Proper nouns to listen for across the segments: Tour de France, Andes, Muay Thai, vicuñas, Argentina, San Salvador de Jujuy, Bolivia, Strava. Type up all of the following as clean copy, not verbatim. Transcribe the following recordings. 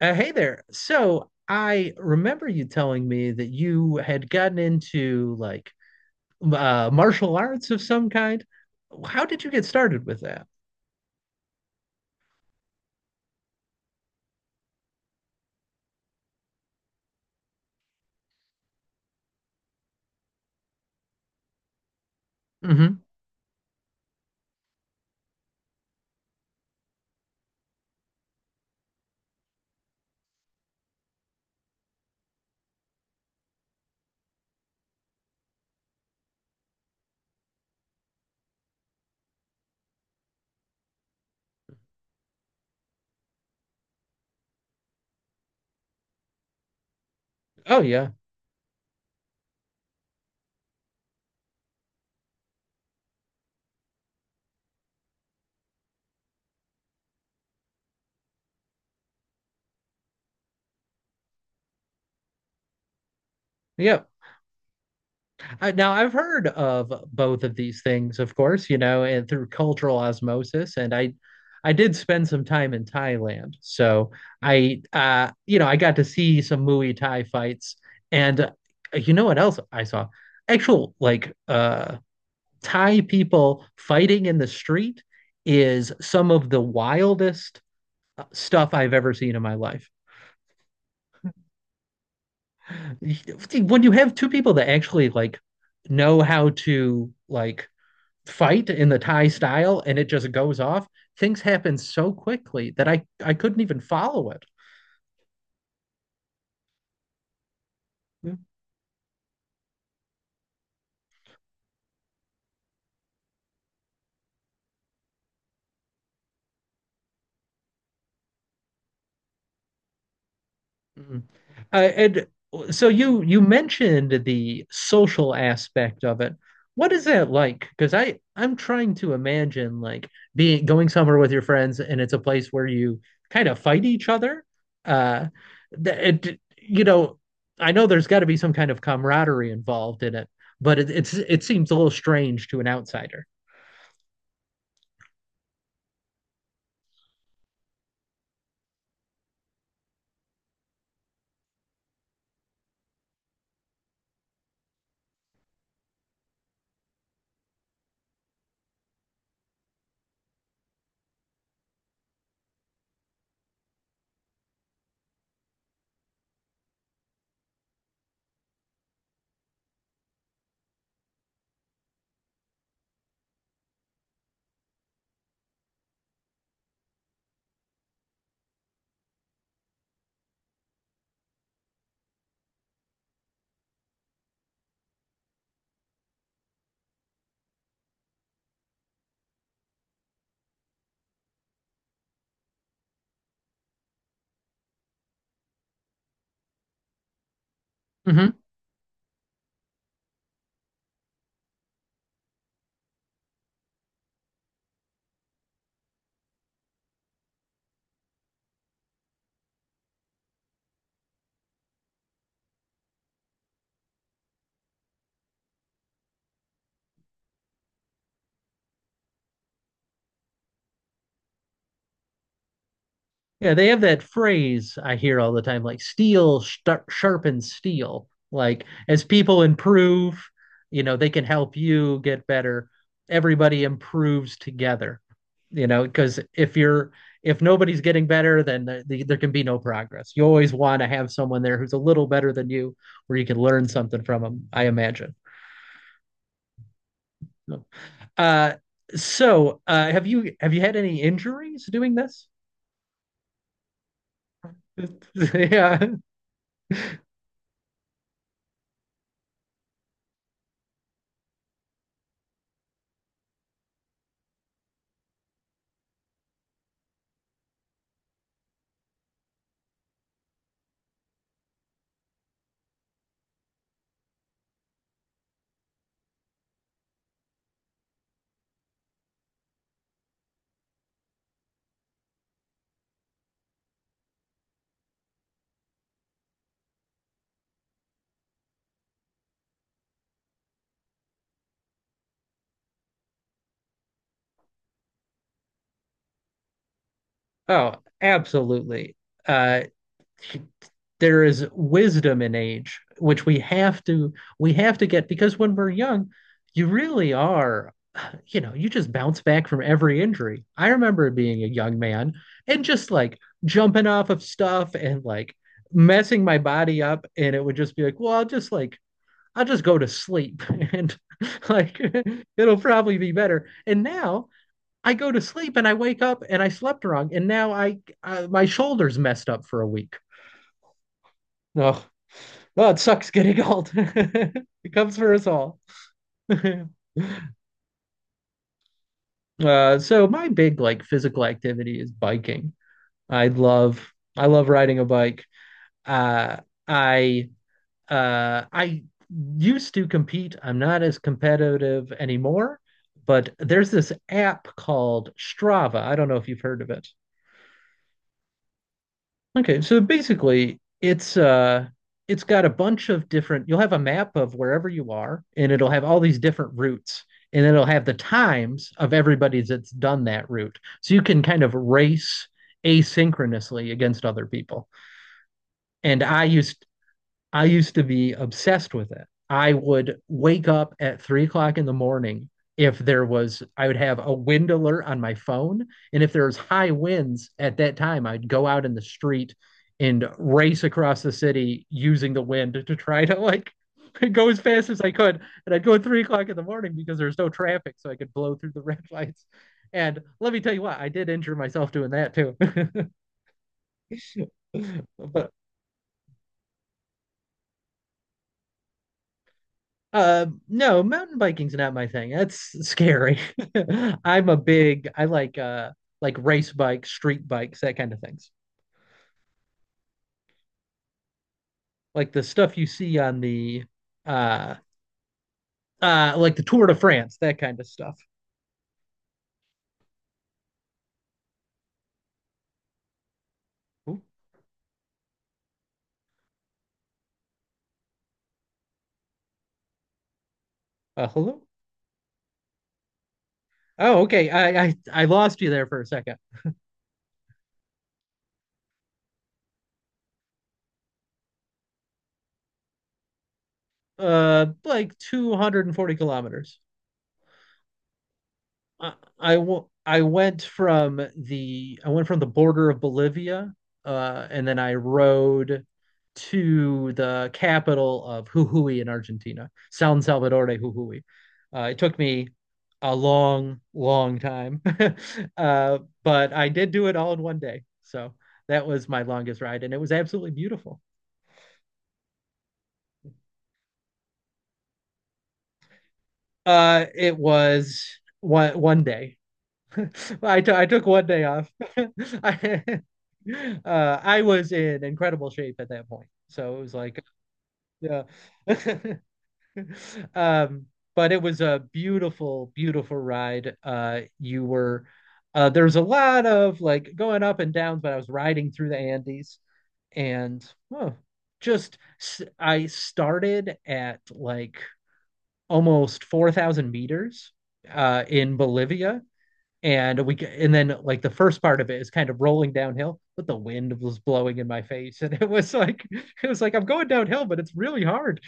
Hey there. So I remember you telling me that you had gotten into martial arts of some kind. How did you get started with that? Hmm. Oh yeah. Yep. Now I've heard of both of these things, of course, you know, and through cultural osmosis. I did spend some time in Thailand, so you know, I got to see some Muay Thai fights, and you know what else I saw? Actual like Thai people fighting in the street is some of the wildest stuff I've ever seen in my life. When you have two people that actually like know how to like fight in the Thai style and it just goes off, things happen so quickly that I couldn't even follow it. Mhm. And so you mentioned the social aspect of it. What is that like? Because I'm trying to imagine like being going somewhere with your friends and it's a place where you kind of fight each other. Uh, that you know, I know there's got to be some kind of camaraderie involved in it, but it it seems a little strange to an outsider. Ujú. Yeah, they have that phrase I hear all the time, like steel star sharpens steel. Like as people improve, you know, they can help you get better. Everybody improves together, you know, because if you're if nobody's getting better, then there can be no progress. You always want to have someone there who's a little better than you, where you can learn something from them, I imagine. Uh, have you have you had any injuries doing this? Yeah. Oh, absolutely. Uh, there is wisdom in age, which we have to get because when we're young, you really are, you know, you just bounce back from every injury. I remember being a young man and just like jumping off of stuff and like messing my body up, and it would just be like, well, I'll just go to sleep and like it'll probably be better. And now I go to sleep and I wake up and I slept wrong, and now I my shoulders messed up for a week. Oh, oh, it sucks getting old. It comes for us all. uh, so my big like physical activity is biking. I love I love riding a bike. Uh, I I used to compete. I'm not as competitive anymore, but there's this app called Strava. I don't know if you've heard of it. Okay, so basically it's got a bunch of different you'll have a map of wherever you are and it'll have all these different routes and it'll have the times of everybody that's done that route. So you can kind of race asynchronously against other people. And I used to be obsessed with it. I would wake up at 3 o'clock in the morning if there was, I would have a wind alert on my phone. And if there was high winds at that time, I'd go out in the street and race across the city using the wind to try to like go as fast as I could. And I'd go at 3 o'clock in the morning because there was no traffic, so I could blow through the red lights. And let me tell you what, I did injure myself doing that too. but No, mountain biking's not my thing. That's scary. I'm a big, I like like race bikes, street bikes, that kind of things. Like the stuff you see on the uh like the Tour de France, that kind of stuff. Ooh, hello? Oh, okay. I lost you there for a second. Like 240 kilometers. I I I went from the border of Bolivia, and then I rode to the capital of Jujuy in Argentina, San Salvador de Jujuy. It took me a long, long time, uh, but I did do it all in one day. So that was my longest ride, and it was absolutely beautiful. It was one day. I took one day off. I I was in incredible shape at that point. So it was like yeah. Um but it was a beautiful, beautiful ride. You were There's a lot of like going up and downs, but I was riding through the Andes and oh, I started at like almost 4,000 meters in Bolivia, and then like the first part of it is kind of rolling downhill, but the wind was blowing in my face and it was like it was like I'm going downhill but it's really hard.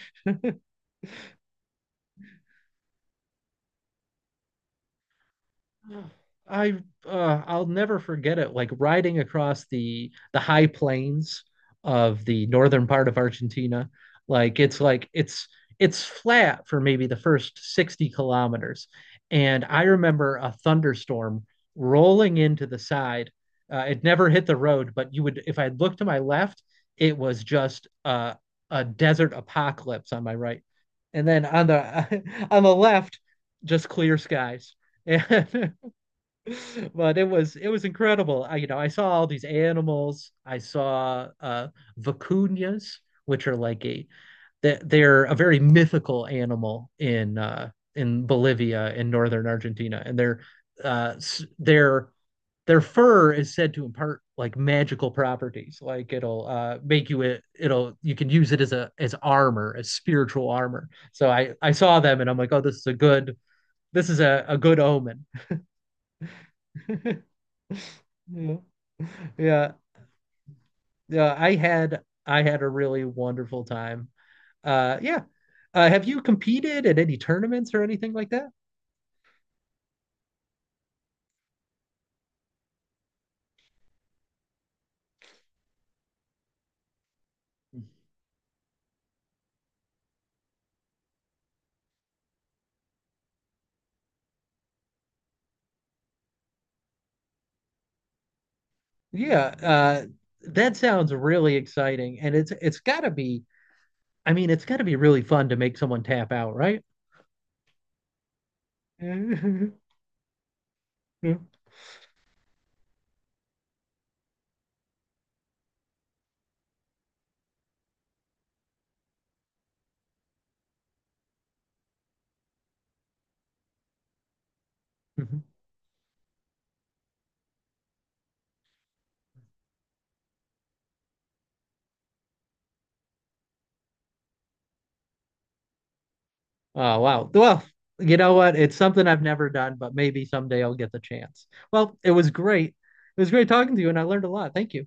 I I'll never forget it, like riding across the high plains of the northern part of Argentina. Like it's flat for maybe the first 60 kilometers. And I remember a thunderstorm rolling into the side. It never hit the road, but you would if I looked to my left, it was just a desert apocalypse on my right. And then on the on the left, just clear skies. And but it was incredible. I, you know, I saw all these animals. I saw vicuñas, which are like a that they're a very mythical animal in Bolivia, in northern Argentina, and uh their their fur is said to impart like magical properties. Like it'll make you it it'll you can use it as a as armor, as spiritual armor. So I saw them and I'm like, oh, this is a good omen. Yeah. Yeah, yeah. I had a really wonderful time. Yeah. Have you competed at any tournaments or anything like that? Yeah, that sounds really exciting, and it's got to be. I mean, it's got to be really fun to make someone tap out, right? Oh wow. Well, you know what? It's something I've never done, but maybe someday I'll get the chance. Well, it was great. It was great talking to you, and I learned a lot. Thank you.